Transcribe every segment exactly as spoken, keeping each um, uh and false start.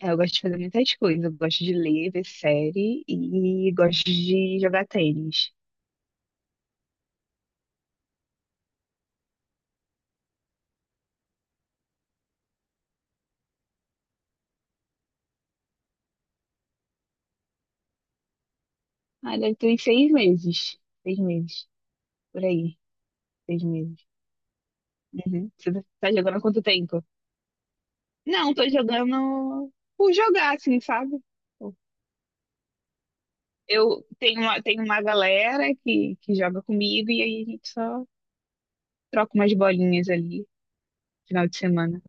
É, eu gosto de fazer muitas coisas. Eu gosto de ler, ver série e gosto de jogar tênis. Ah, deve ter uns seis meses. Seis meses. Por aí. Seis meses. Uhum. Você tá tá jogando há quanto tempo? Não, tô jogando por jogar, assim, sabe? Eu tenho uma, tenho uma galera que, que joga comigo e aí a gente só troca umas bolinhas ali, final de semana.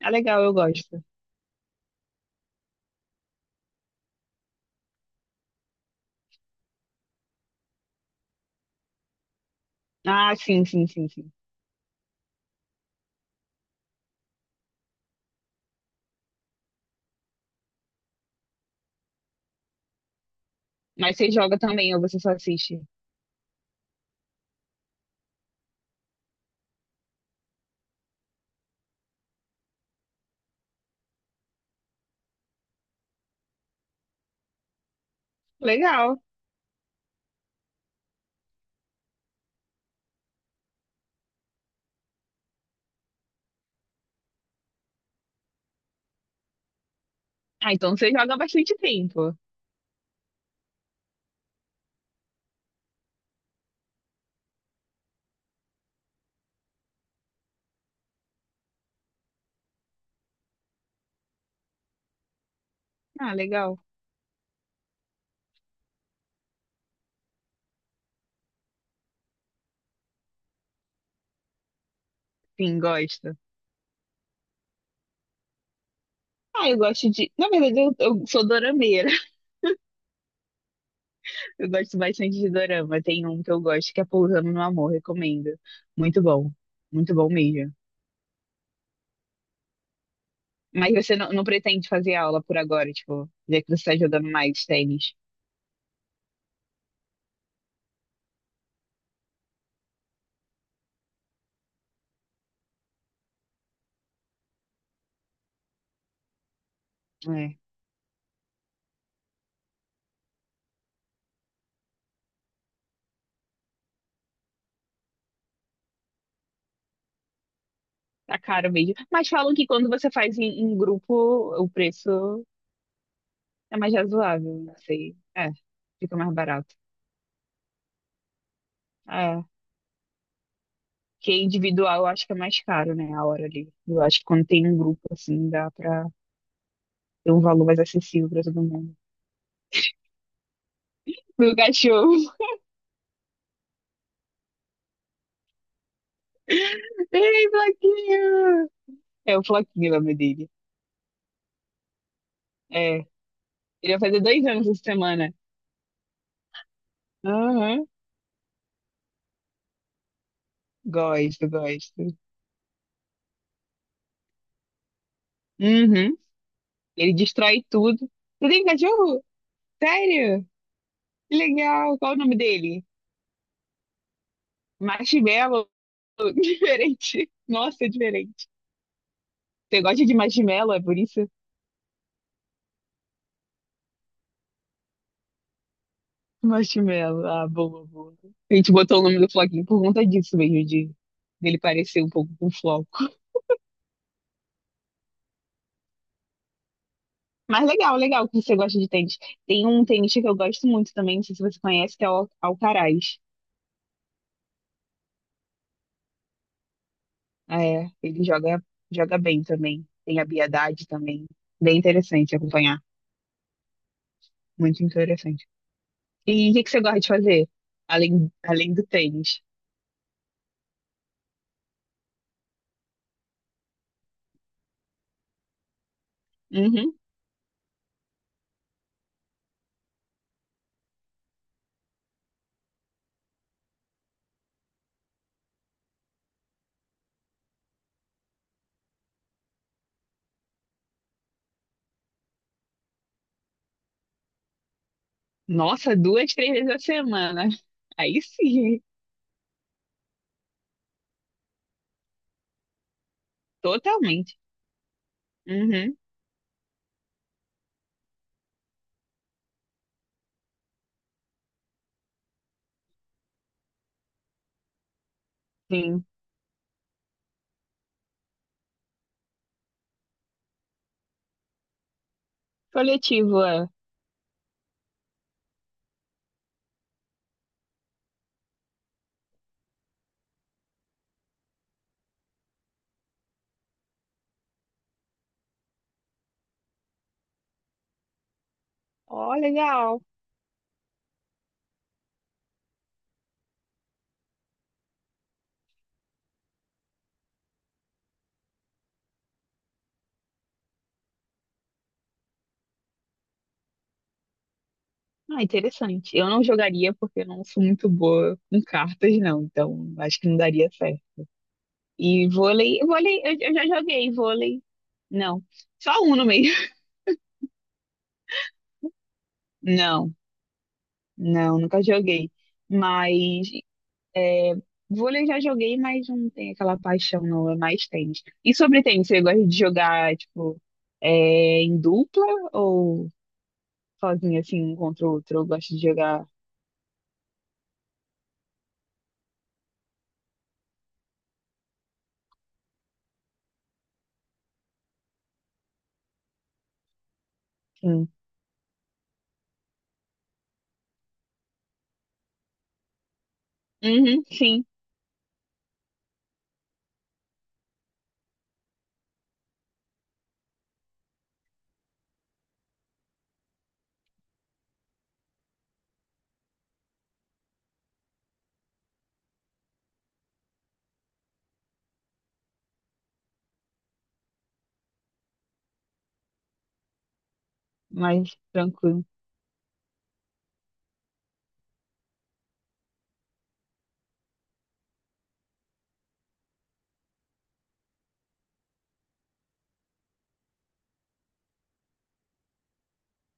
É legal, eu gosto. Ah, sim, sim, sim, sim. Mas você joga também ou você só assiste? Legal. Ah, então você joga há bastante tempo. Ah, legal. Sim, gosto. Ah, eu gosto de. Na verdade, eu, eu sou dorameira. Eu gosto bastante de dorama. Tem um que eu gosto que é Pousando no Amor, recomendo. Muito bom. Muito bom mesmo. Mas você não, não pretende fazer aula por agora, tipo, já que você está jogando mais tênis. É, tá caro mesmo. Mas falam que quando você faz em, em grupo, o preço é mais razoável, não sei. É, fica mais barato. É. Porque individual eu acho que é mais caro, né? A hora ali. Eu acho que quando tem um grupo, assim, dá pra ter um valor mais acessível pra todo mundo. Meu cachorro. Ei, Floquinho! É o Floquinho o nome dele. É. Ele vai fazer dois anos essa semana. Aham. Gosto, gosto. Uhum. Ele destrói tudo. Você tem cachorro? Sério? Que legal. Qual o nome dele? Marshmallow. Diferente. Nossa, é diferente. Você gosta de marshmallow, é por isso? Marshmallow, ah, boa, boa. A gente botou o nome do Floquinho por conta disso mesmo, de dele parecer um pouco com o Floco. Mas legal, legal que você gosta de tênis. Tem um tenista que eu gosto muito também, não sei se você conhece, que é o Al- Alcaraz. É, ele joga, joga bem também. Tem habilidade também. Bem interessante acompanhar. Muito interessante. E o que que você gosta de fazer? Além, além do tênis? Uhum. Nossa, duas, três vezes a semana. Aí sim, totalmente. Uhum. Sim. Coletivo, é. Ó, legal. Ah, interessante. Eu não jogaria porque eu não sou muito boa com cartas, não. Então, acho que não daria certo. E vôlei, vôlei, eu, eu já joguei vôlei. Não, só um no meio. Não, não, nunca joguei. Mas é, vôlei eu já joguei, mas não tem aquela paixão, não. É mais tênis. E sobre tênis, você gosta de jogar, tipo, é, em dupla ou sozinho, assim, um contra o outro? Eu gosto de jogar, assim. Uhum, sim. Mais tranquilo.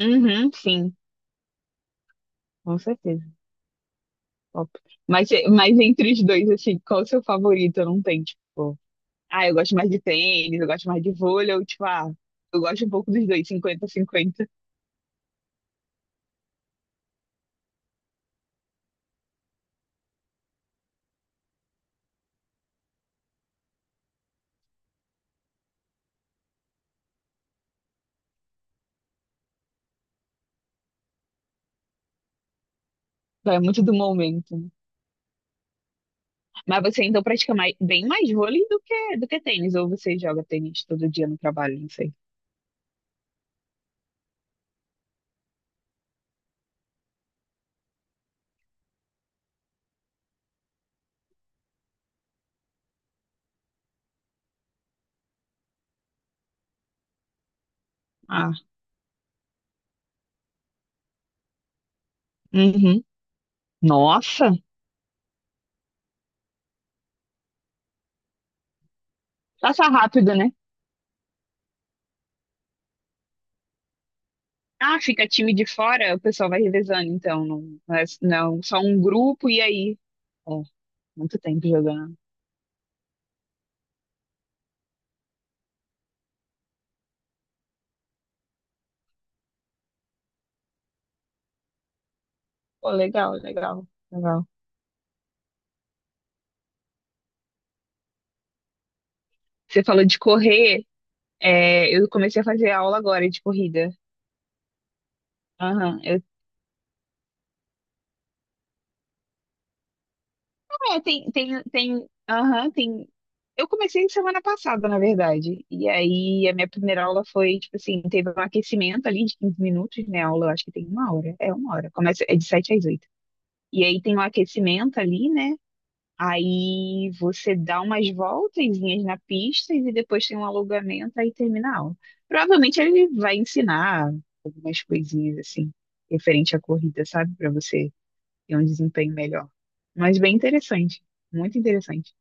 Uhum, sim, com certeza. Top. Mas, mas entre os dois, assim, qual o seu favorito? Eu não tenho, tipo, ah, eu gosto mais de tênis, eu gosto mais de vôlei, ou tipo, ah, eu gosto um pouco dos dois, cinquenta cinquenta. Vai muito do momento, né? Mas você então pratica mais, bem mais vôlei do que, do que, tênis, ou você joga tênis todo dia no trabalho, não sei. Ah, uhum. Nossa, passa rápido, né? Ah, fica time de fora, o pessoal vai revezando, então, não, não é não, só um grupo e aí. Muito tempo jogando. Pô, legal, legal, legal. Você falou de correr, é, eu comecei a fazer aula agora de corrida. Aham, eu... É, tem, tem, tem, aham, tem... Eu comecei semana passada, na verdade. E aí, a minha primeira aula foi, tipo assim, teve um aquecimento ali de quinze minutos, né? A aula, eu acho que tem uma hora. É uma hora. Começa, é de sete às oito. E aí tem um aquecimento ali, né? Aí você dá umas voltezinhas na pista e depois tem um alongamento, aí termina a aula. Provavelmente ele vai ensinar algumas coisinhas assim, referente à corrida, sabe? Para você ter um desempenho melhor. Mas bem interessante, muito interessante.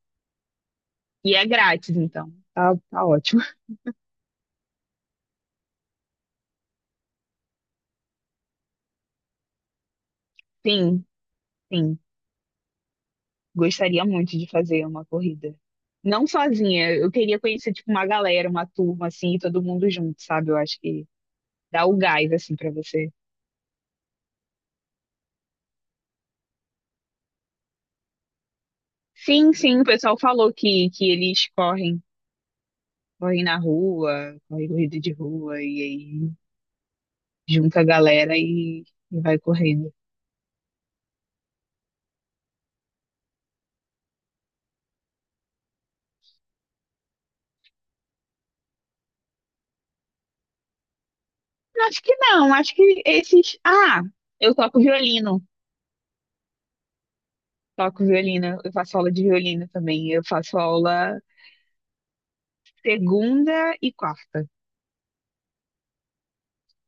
E é grátis, então. Tá, tá ótimo. Sim, sim. Gostaria muito de fazer uma corrida. Não sozinha, eu queria conhecer tipo uma galera, uma turma assim, e todo mundo junto, sabe? Eu acho que dá o gás assim para você. Sim, sim, o pessoal falou que, que eles correm, correm na rua, correm corrida de rua, e aí junta a galera e, e vai correndo. Acho que não, acho que esses. Ah, eu toco violino, toco violino, eu faço aula de violino também. Eu faço aula segunda e quarta.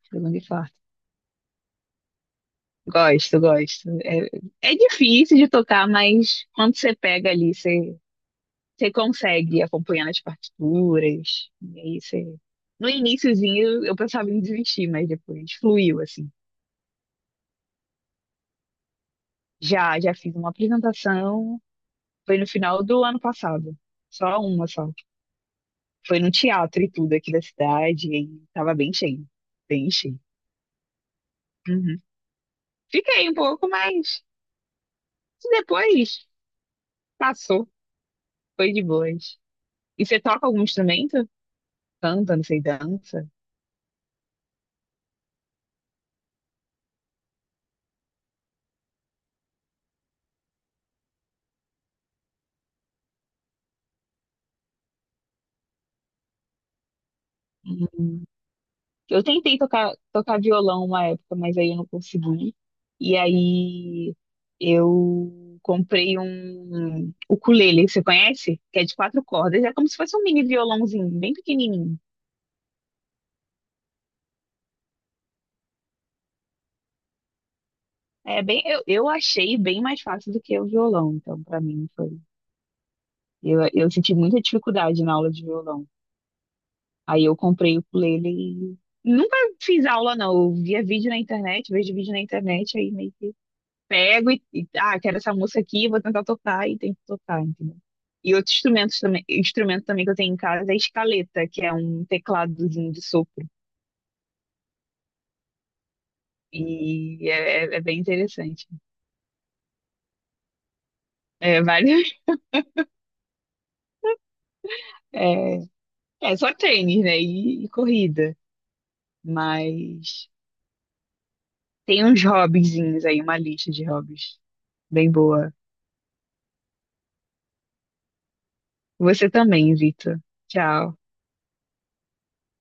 Segunda e quarta. Gosto, gosto. É, é difícil de tocar, mas quando você pega ali, você você consegue acompanhando as partituras. E aí você. No iniciozinho eu pensava em desistir, mas depois fluiu, assim. Já, já fiz uma apresentação, foi no final do ano passado. Só uma só. Foi num teatro e tudo aqui da cidade, e aí tava bem cheio. Bem cheio. Uhum. Fiquei um pouco, mas depois passou. Foi de boas. E você toca algum instrumento? Canta, não sei, dança? Uhum. Eu tentei tocar, tocar violão uma época, mas aí eu não consegui. E aí eu comprei um ukulele, você conhece? Que é de quatro cordas, é como se fosse um mini violãozinho, bem pequenininho. É bem, eu, eu achei bem mais fácil do que o violão, então pra mim foi. Eu, eu senti muita dificuldade na aula de violão. Aí eu comprei o ukulele e nunca fiz aula não, eu via vídeo na internet, vejo vídeo na internet aí meio que pego e, e, ah, quero essa música aqui, vou tentar tocar e tento tocar, entendeu? E outros instrumentos também, instrumento também que eu tenho em casa é a escaleta, que é um tecladozinho de sopro. E é, é- é bem interessante. É, vários, é, é só tênis, né? E, e corrida. Mas tem uns hobbyzinhos aí, uma lista de hobbies bem boa. Você também, Vitor. Tchau.